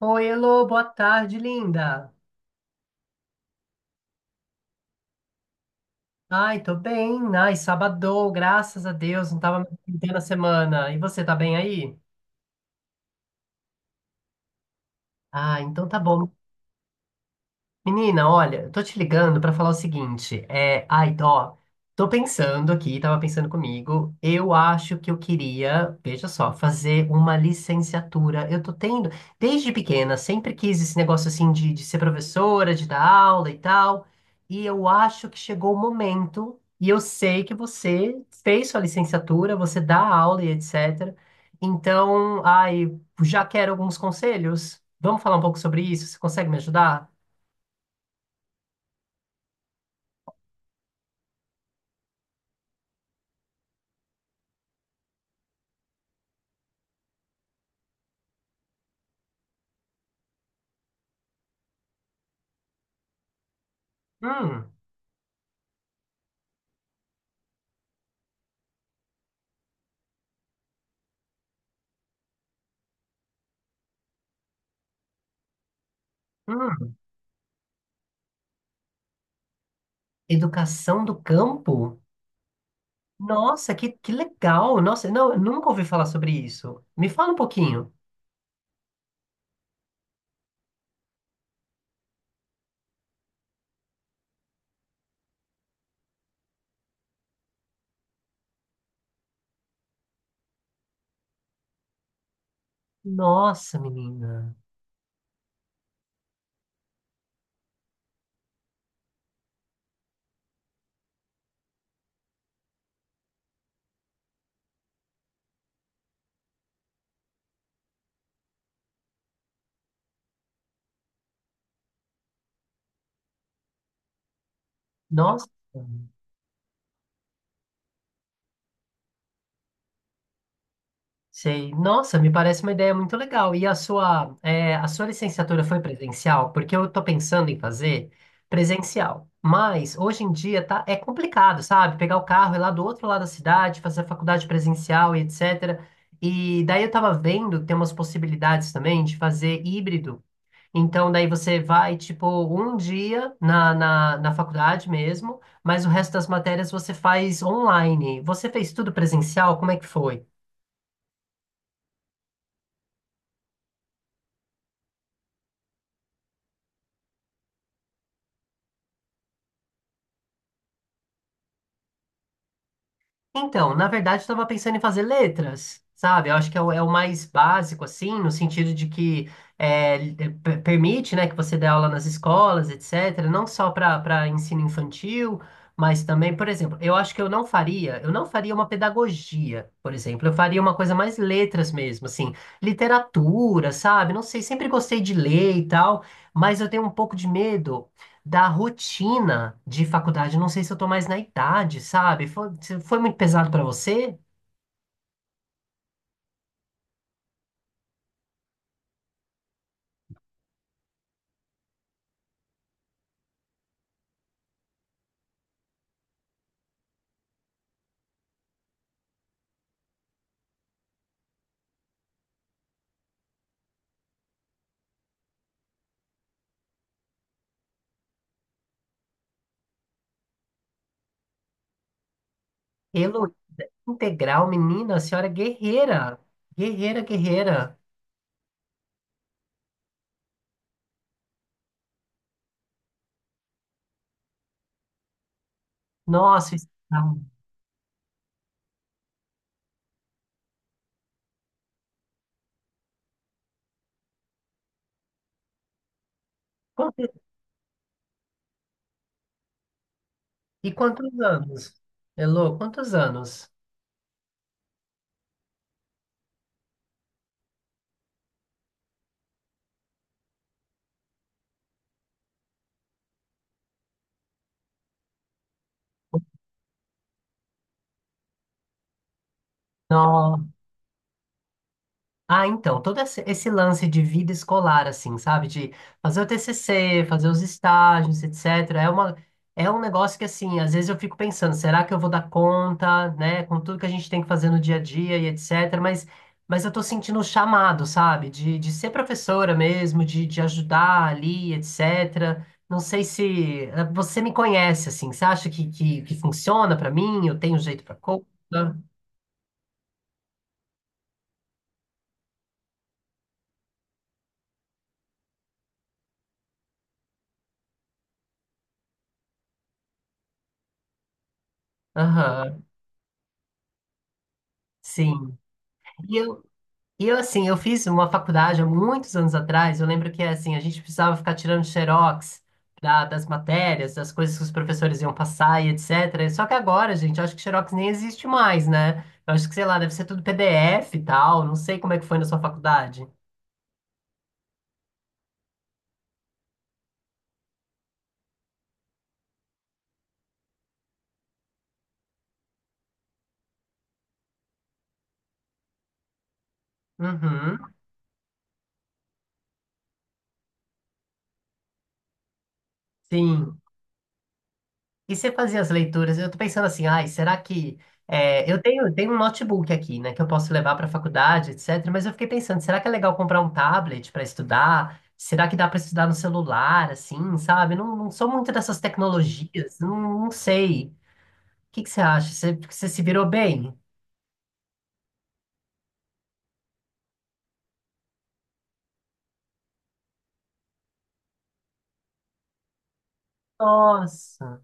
Oi, Elô, boa tarde, linda. Ai, tô bem. Ai, sabadou, graças a Deus, não tava mais na semana. E você, tá bem aí? Ah, então tá bom. Menina, olha, tô te ligando pra falar o seguinte, é, ai, ó, tô pensando aqui, tava pensando comigo, eu acho que eu queria, veja só, fazer uma licenciatura. Eu tô tendo, desde pequena, sempre quis esse negócio assim de ser professora, de dar aula e tal, e eu acho que chegou o momento, e eu sei que você fez sua licenciatura, você dá aula e etc. Então, ai, já quero alguns conselhos. Vamos falar um pouco sobre isso? Você consegue me ajudar? Hum. Hum, Educação do Campo? Nossa, que legal! Nossa, não, eu nunca ouvi falar sobre isso. Me fala um pouquinho. Nossa, menina. Nossa. Sei. Nossa, me parece uma ideia muito legal. E a sua licenciatura foi presencial? Porque eu estou pensando em fazer presencial. Mas hoje em dia tá, é complicado, sabe? Pegar o carro e ir lá do outro lado da cidade, fazer a faculdade presencial e etc. E daí eu estava vendo que tem umas possibilidades também de fazer híbrido. Então, daí você vai, tipo, um dia na faculdade mesmo, mas o resto das matérias você faz online. Você fez tudo presencial? Como é que foi? Então, na verdade, eu estava pensando em fazer letras, sabe? Eu acho que é o, mais básico, assim, no sentido de que permite, né, que você dê aula nas escolas, etc., não só para ensino infantil, mas também, por exemplo, eu acho que eu não faria uma pedagogia, por exemplo, eu faria uma coisa mais letras mesmo, assim, literatura, sabe? Não sei, sempre gostei de ler e tal, mas eu tenho um pouco de medo da rotina de faculdade. Não sei se eu tô mais na idade, sabe? Se foi muito pesado pra você? Elo, integral, menina, a senhora é guerreira. Guerreira, guerreira. Nossa, isso- Quanto- e quantos anos? Elo, quantos anos? Ah, então, todo esse lance de vida escolar, assim, sabe? De fazer o TCC, fazer os estágios, etc. É um negócio que, assim, às vezes eu fico pensando, será que eu vou dar conta, né? Com tudo que a gente tem que fazer no dia a dia e etc. Mas eu tô sentindo o chamado, sabe? De ser professora mesmo, de ajudar ali, etc. Não sei se você me conhece, assim. Você acha que funciona pra mim? Eu tenho jeito pra coisa? Aham, sim. E eu, assim, eu fiz uma faculdade há muitos anos atrás. Eu lembro que, assim, a gente precisava ficar tirando xerox das matérias, das coisas que os professores iam passar e etc. Só que agora, gente, eu acho que xerox nem existe mais, né? Eu acho que, sei lá, deve ser tudo PDF e tal. Não sei como é que foi na sua faculdade. Uhum, sim. E você fazia as leituras? Eu tô pensando assim, ai, será que. Eu tenho, um notebook aqui, né, que eu posso levar para a faculdade, etc. Mas eu fiquei pensando, será que é legal comprar um tablet para estudar? Será que dá para estudar no celular, assim, sabe? Não, não sou muito dessas tecnologias, não, não sei. O que que você acha? Você se virou bem? Nossa!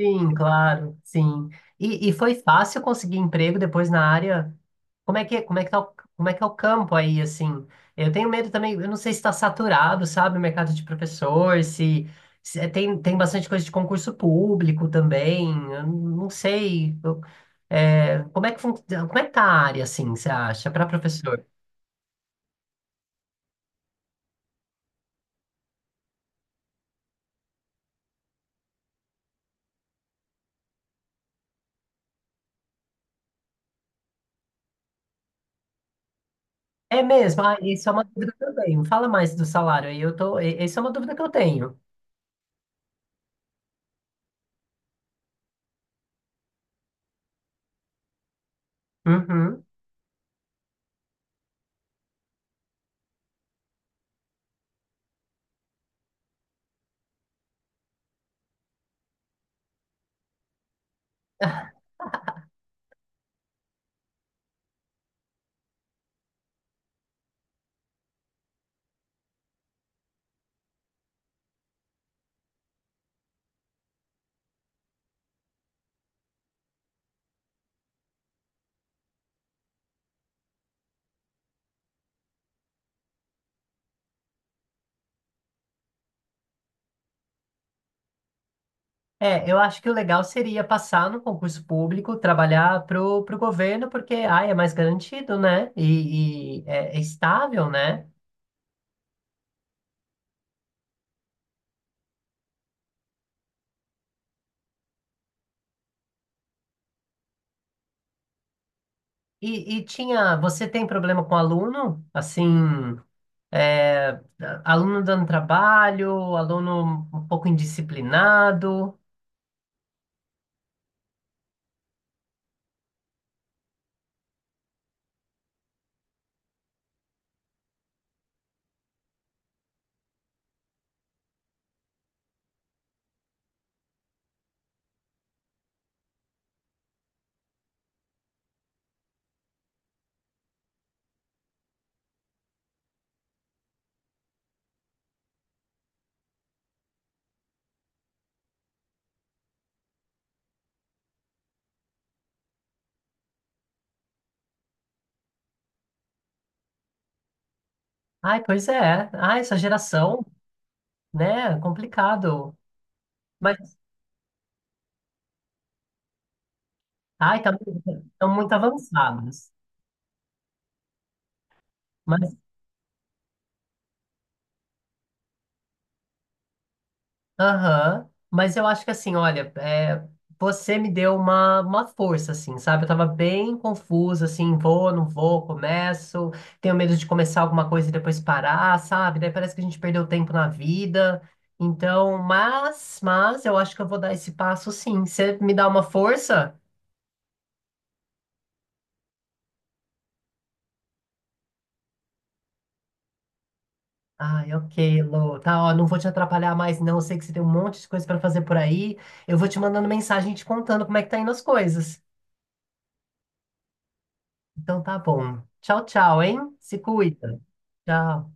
Sim, claro, sim. E foi fácil conseguir emprego depois na área? Como é que é o campo aí, assim? Eu tenho medo também, eu não sei se está saturado, sabe, o mercado de professor, se, tem bastante coisa de concurso público também, eu não sei. Eu- é, como é que, fun- como é que tá a área, assim, você acha, para professor? É mesmo? Ah, isso é uma dúvida também. Fala mais do salário aí, essa é uma dúvida que eu tenho. Uhum. É, eu acho que o legal seria passar no concurso público, trabalhar pro governo, porque, ai, é mais garantido, né? E é, estável, né? E você tem problema com aluno? Assim, é, aluno dando trabalho, aluno um pouco indisciplinado. Ai, pois é. Ai, essa geração, né? É complicado. Mas, ai, tá, estão muito avançados. Mas. Aham, mas eu acho que assim, olha, você me deu uma força, assim, sabe? Eu tava bem confusa, assim, vou, não vou, começo, tenho medo de começar alguma coisa e depois parar, sabe? Daí parece que a gente perdeu tempo na vida. Então, mas eu acho que eu vou dar esse passo sim. Você me dá uma força? Ai, ok, Lô. Tá, ó, não vou te atrapalhar mais, não. Eu sei que você tem um monte de coisa pra fazer por aí. Eu vou te mandando mensagem te contando como é que tá indo as coisas. Então tá bom. Tchau, tchau, hein? Se cuida. Tchau.